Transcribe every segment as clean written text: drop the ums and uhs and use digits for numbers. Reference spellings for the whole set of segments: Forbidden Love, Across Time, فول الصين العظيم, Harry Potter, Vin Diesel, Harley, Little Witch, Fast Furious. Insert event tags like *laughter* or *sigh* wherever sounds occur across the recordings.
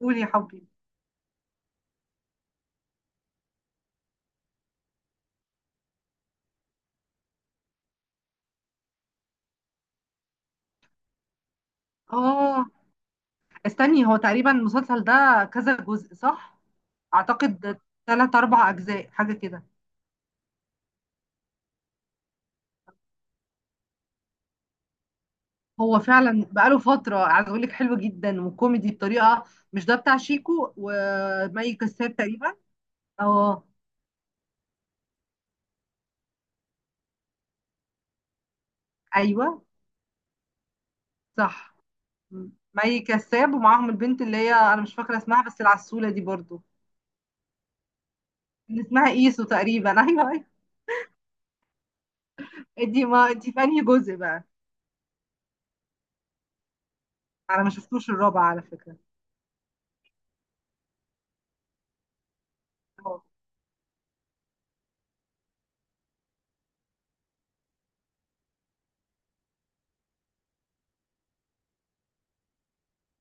قول يا حبي. اه، استني، هو تقريبا المسلسل ده كذا جزء صح؟ اعتقد ثلاث اربع اجزاء حاجه كده. هو فعلا بقاله فتره، عايز اقول لك حلو جدا وكوميدي بطريقه. مش ده بتاع شيكو ومي كساب تقريبا؟ اه ايوه صح، مي كساب، ومعاهم البنت اللي هي انا مش فاكره اسمها بس العسوله دي برضو، اللي اسمها ايسو تقريبا *laughs* ايوه ايوه. دي ما دي في انهي جزء بقى؟ انا ما شفتوش الرابع على فكره.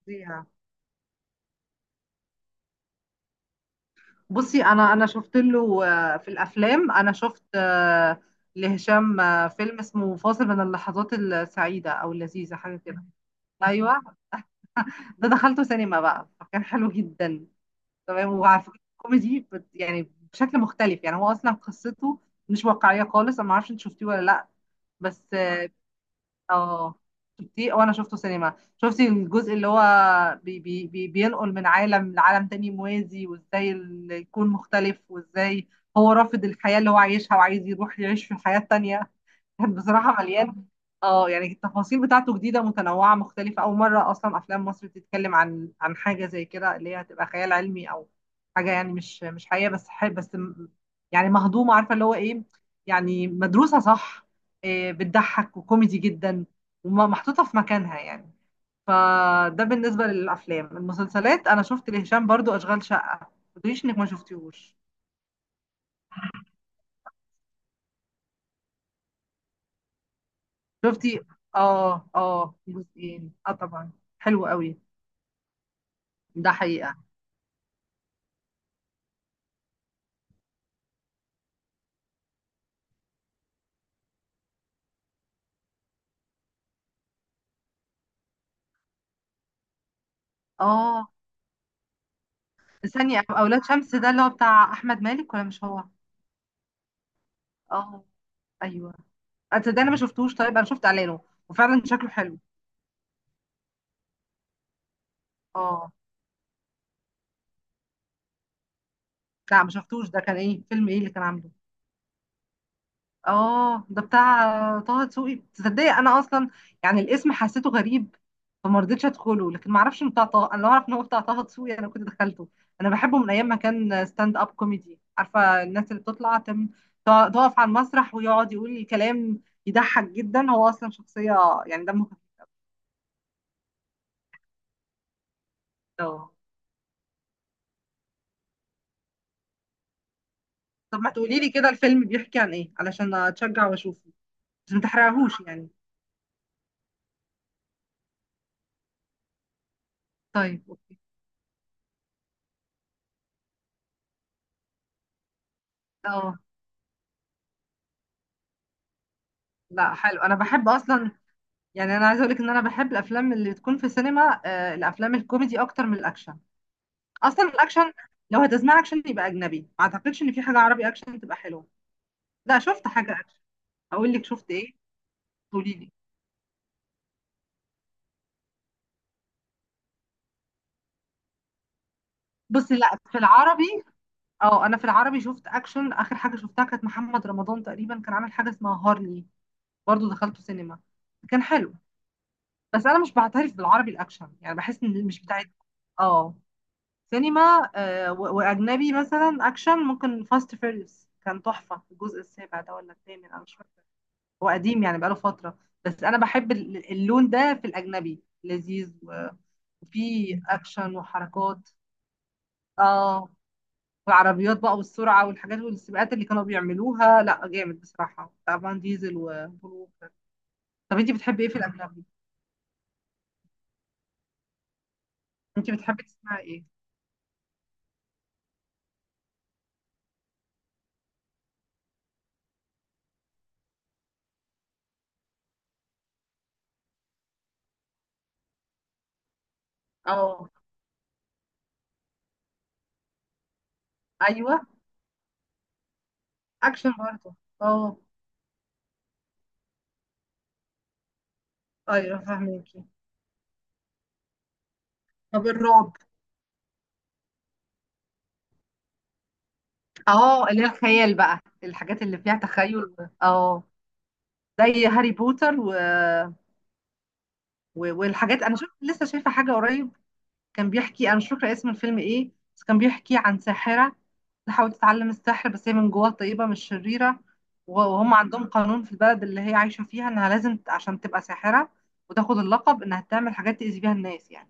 اه، بصي انا شفت له في الافلام، انا شفت لهشام فيلم اسمه فاصل من اللحظات السعيده او اللذيذه حاجه كده. ايوه، ده دخلته سينما بقى فكان حلو جدا. تمام، وعلى فكره كوميدي يعني بشكل مختلف، يعني هو اصلا قصته مش واقعيه خالص. انا ما اعرفش انت شفتيه ولا لا؟ بس اه، شفتيه؟ وانا شفته سينما. شفتي الجزء اللي هو بي بي بي بينقل من عالم لعالم تاني موازي، وازاي يكون مختلف، وازاي هو رافض الحياة اللي هو عايشها وعايز يروح يعيش في الحياة التانية. كانت بصراحة مليان، اه يعني التفاصيل بتاعته جديدة متنوعة مختلفة. أول مرة أصلا أفلام مصر بتتكلم عن حاجة زي كده اللي هي هتبقى خيال علمي أو حاجة يعني مش حقيقة، بس يعني مهضومة، عارفة اللي هو إيه، يعني مدروسة صح. إيه، بتضحك وكوميدي جدا ومحطوطة في مكانها يعني. فده بالنسبة للأفلام. المسلسلات أنا شفت لهشام برضو أشغال شقة. ما تقوليش إنك ما شفتيهوش. شفتي؟ اه اه جزئين اه طبعا. حلو قوي، ده حقيقة. اه، ثانية، أولاد شمس ده اللي هو بتاع أحمد مالك ولا مش هو؟ اه أيوه، أنا ده أنا ما شفتوش. طيب أنا شفت إعلانه وفعلا شكله حلو. اه لا ما شفتوش، ده كان إيه؟ فيلم إيه اللي كان عامله؟ اه ده بتاع طه دسوقي؟ تصدقي انا اصلا يعني الاسم حسيته غريب فما رضيتش ادخله، لكن ما اعرفش انه بتاع طه. انا لو اعرف ان هو بتاع طه دسوقي انا كنت دخلته. انا بحبه من ايام ما كان ستاند اب كوميدي، عارفه الناس اللي بتطلع تقف على المسرح ويقعد يقول الكلام يضحك جدا. هو اصلا شخصيه يعني دمه خفيف. اه طب ما تقولي لي كده، الفيلم بيحكي عن ايه علشان اتشجع واشوفه، بس ما تحرقهوش يعني. طيب اوكي. اه لا حلو، انا بحب اصلا، يعني انا عايزه اقولك ان انا بحب الافلام اللي تكون في السينما، الافلام الكوميدي اكتر من الاكشن. اصلا الاكشن لو هتسمع اكشن يبقى اجنبي، ما اعتقدش ان في حاجه عربي اكشن تبقى حلوه. لا شفت حاجه اكشن؟ اقول لك شفت ايه؟ قولي لي. بصي، لا، في العربي، اه انا في العربي شفت اكشن اخر حاجه شفتها كانت محمد رمضان تقريبا، كان عامل حاجه اسمها هارلي، برضو دخلته سينما، كان حلو. بس انا مش بعترف بالعربي الاكشن، يعني بحس ان مش بتاعت اه سينما. واجنبي مثلا اكشن ممكن فاست فيريوس كان تحفه، الجزء السابع ده ولا الثامن، انا مش فاكره. هو قديم يعني بقاله فتره، بس انا بحب اللون ده في الاجنبي لذيذ وفيه اكشن وحركات. اه والعربيات بقى والسرعه والحاجات والسباقات اللي كانوا بيعملوها، لا جامد بصراحه، بتاع فان ديزل وبول ووكر. طب انت بتحبي ايه في الاجنبي؟ انت بتحبي تسمعي ايه؟ اه ايوه، اكشن برضه، اه ايوه فاهمكي. طب الرعب؟ اه اللي هي الخيال بقى، الحاجات اللي فيها تخيل اه زي هاري بوتر والحاجات. انا شفت، لسه شايفه حاجه قريب كان بيحكي، انا مش فاكره اسم الفيلم ايه، بس كان بيحكي عن ساحره تحاول تتعلم السحر بس هي من جواها طيبه مش شريره. وهم عندهم قانون في البلد اللي هي عايشه فيها انها لازم عشان تبقى ساحره وتاخد اللقب انها تعمل حاجات تأذي بيها الناس يعني،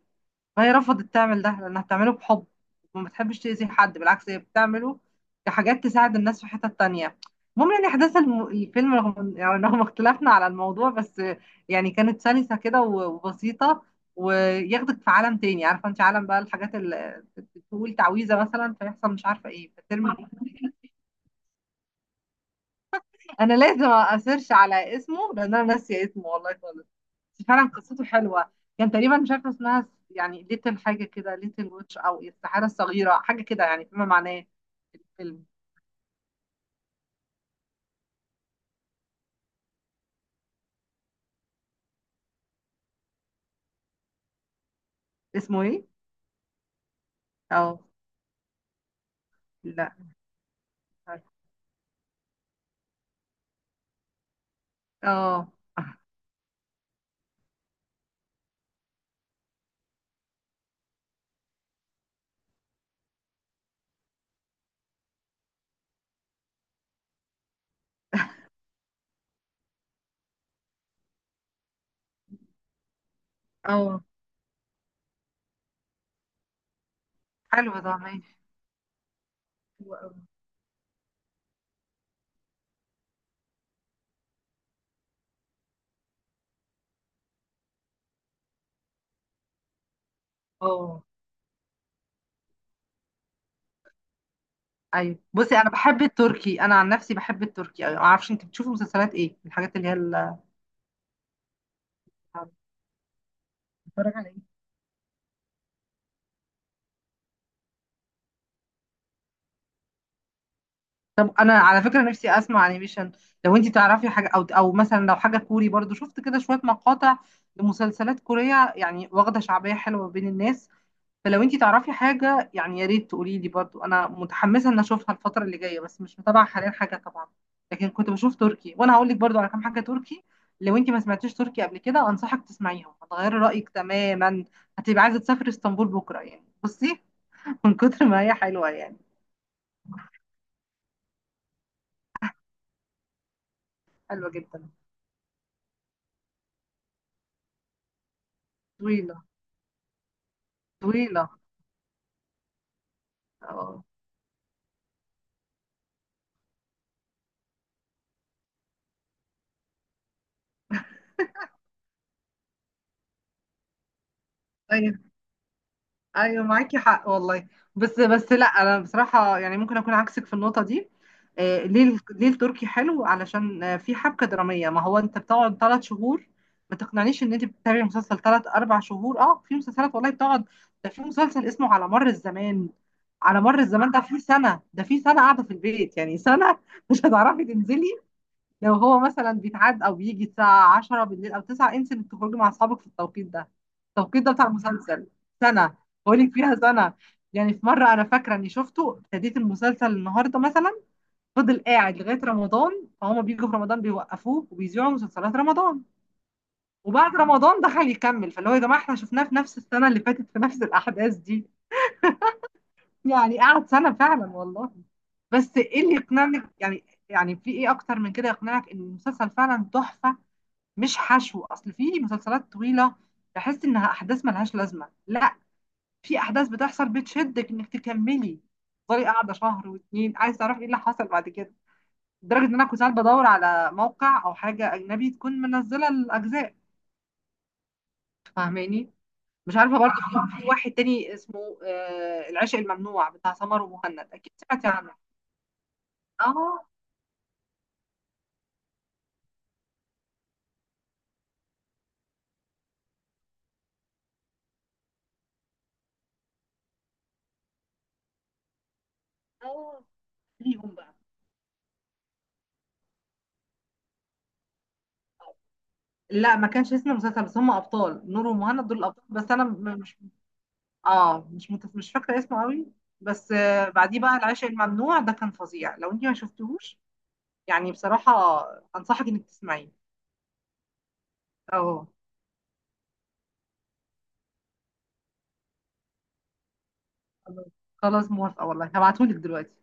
وهي رفضت تعمل ده لأنها بتعمله بحب، وما بتحبش تأذي حد. بالعكس، هي بتعمله كحاجات تساعد الناس في حتة تانية. المهم يعني أحداث الفيلم، رغم يعني *laughs* رغم اختلافنا على الموضوع، بس يعني كانت سلسة كده وبسيطة، وياخدك في عالم تاني، عارفة انت عالم بقى الحاجات اللي بتقول تعويذة مثلا فيحصل مش عارفة ايه فترمي. انا لازم اسيرش على اسمه لان انا ناسيه اسمه والله خالص، بس فعلا قصته حلوه. كان تقريبا مش عارفه اسمها، يعني ليتل حاجه كده، ليتل ويتش او السحاره الصغيره حاجه كده يعني فيما معناه. الفيلم اسمه ايه؟ اه لا مش عارفة. اه اه، حلو ده ماشي، حلو أوي. اه ايوه، بصي انا بحب التركي، انا عن نفسي بحب التركي أوي. ما اعرفش انت بتشوفي مسلسلات ايه، الحاجات اللي هي بتتفرج على ايه؟ طب انا على فكره نفسي اسمع انيميشن. لو انت تعرفي حاجه، او مثلا لو حاجه كوري، برضو شفت كده شويه مقاطع لمسلسلات كوريه يعني واخده شعبيه حلوه بين الناس. فلو انت تعرفي حاجه يعني يا ريت تقولي لي برضو، انا متحمسه ان اشوفها الفتره اللي جايه، بس مش متابعه حاليا حاجه طبعا. لكن كنت بشوف تركي، وانا هقول لك برضو على كام حاجه تركي. لو انت ما سمعتيش تركي قبل كده انصحك تسمعيهم، هتغيري رايك تماما، هتبقى عايزه تسافري اسطنبول بكره يعني. بصي *laughs* من كتر ما هي حلوه يعني، حلوه جدا. طويله طويله. اه ايوه ايوه، معاكي حق والله. بس لا انا بصراحه يعني ممكن اكون عكسك في النقطه دي. ليه ليه التركي حلو؟ علشان في حبكه دراميه. ما هو انت بتقعد ثلاث شهور، ما تقنعنيش ان انت بتتابعي مسلسل ثلاث اربع شهور. اه في مسلسلات والله بتقعد، ده في مسلسل اسمه على مر الزمان، على مر الزمان ده في سنه، قاعده في البيت يعني سنه. مش هتعرفي تنزلي. لو هو مثلا بيتعاد او بيجي الساعه 10 بالليل او 9، انسي انك تخرجي مع اصحابك في التوقيت ده، التوقيت ده بتاع المسلسل. سنه، بقول لك فيها سنه. يعني في مره انا فاكره اني شفته، ابتديت المسلسل النهارده مثلا، فضل قاعد لغايه رمضان، فهم بيجوا في رمضان بيوقفوه وبيذيعوا مسلسلات رمضان، وبعد رمضان دخل يكمل. فاللي هو يا جماعه احنا شفناه في نفس السنه اللي فاتت في نفس الاحداث دي، يعني قعد سنه فعلا والله. بس ايه اللي يقنعني يعني، يعني في ايه اكتر من كده يقنعك ان المسلسل فعلا تحفه، مش حشو؟ اصل في مسلسلات طويله بحس انها احداث ملهاش لازمه. لا، في احداث بتحصل بتشدك انك تكملي، تفضلي قاعده شهر واتنين عايز تعرفي ايه اللي حصل بعد كده، لدرجه ان انا كنت ساعات بدور على موقع او حاجه اجنبي تكون منزله الاجزاء. فاهماني؟ مش عارفه برضه. في واحد تاني اسمه آه العشق الممنوع بتاع سمر ومهند، اكيد سمعتي عنه. اه اه ليهم بقى. لا ما كانش اسم المسلسل، بس هم ابطال، نور ومهند دول الابطال، بس انا مش، اه مش مش فاكره اسمه قوي. بس بعديه بقى العشق الممنوع ده كان فظيع، لو انت ما شفتهوش يعني. بصراحه انصحك انك تسمعيه. اه خلاص خلاص، موافقه والله، هبعتهولك دلوقتي.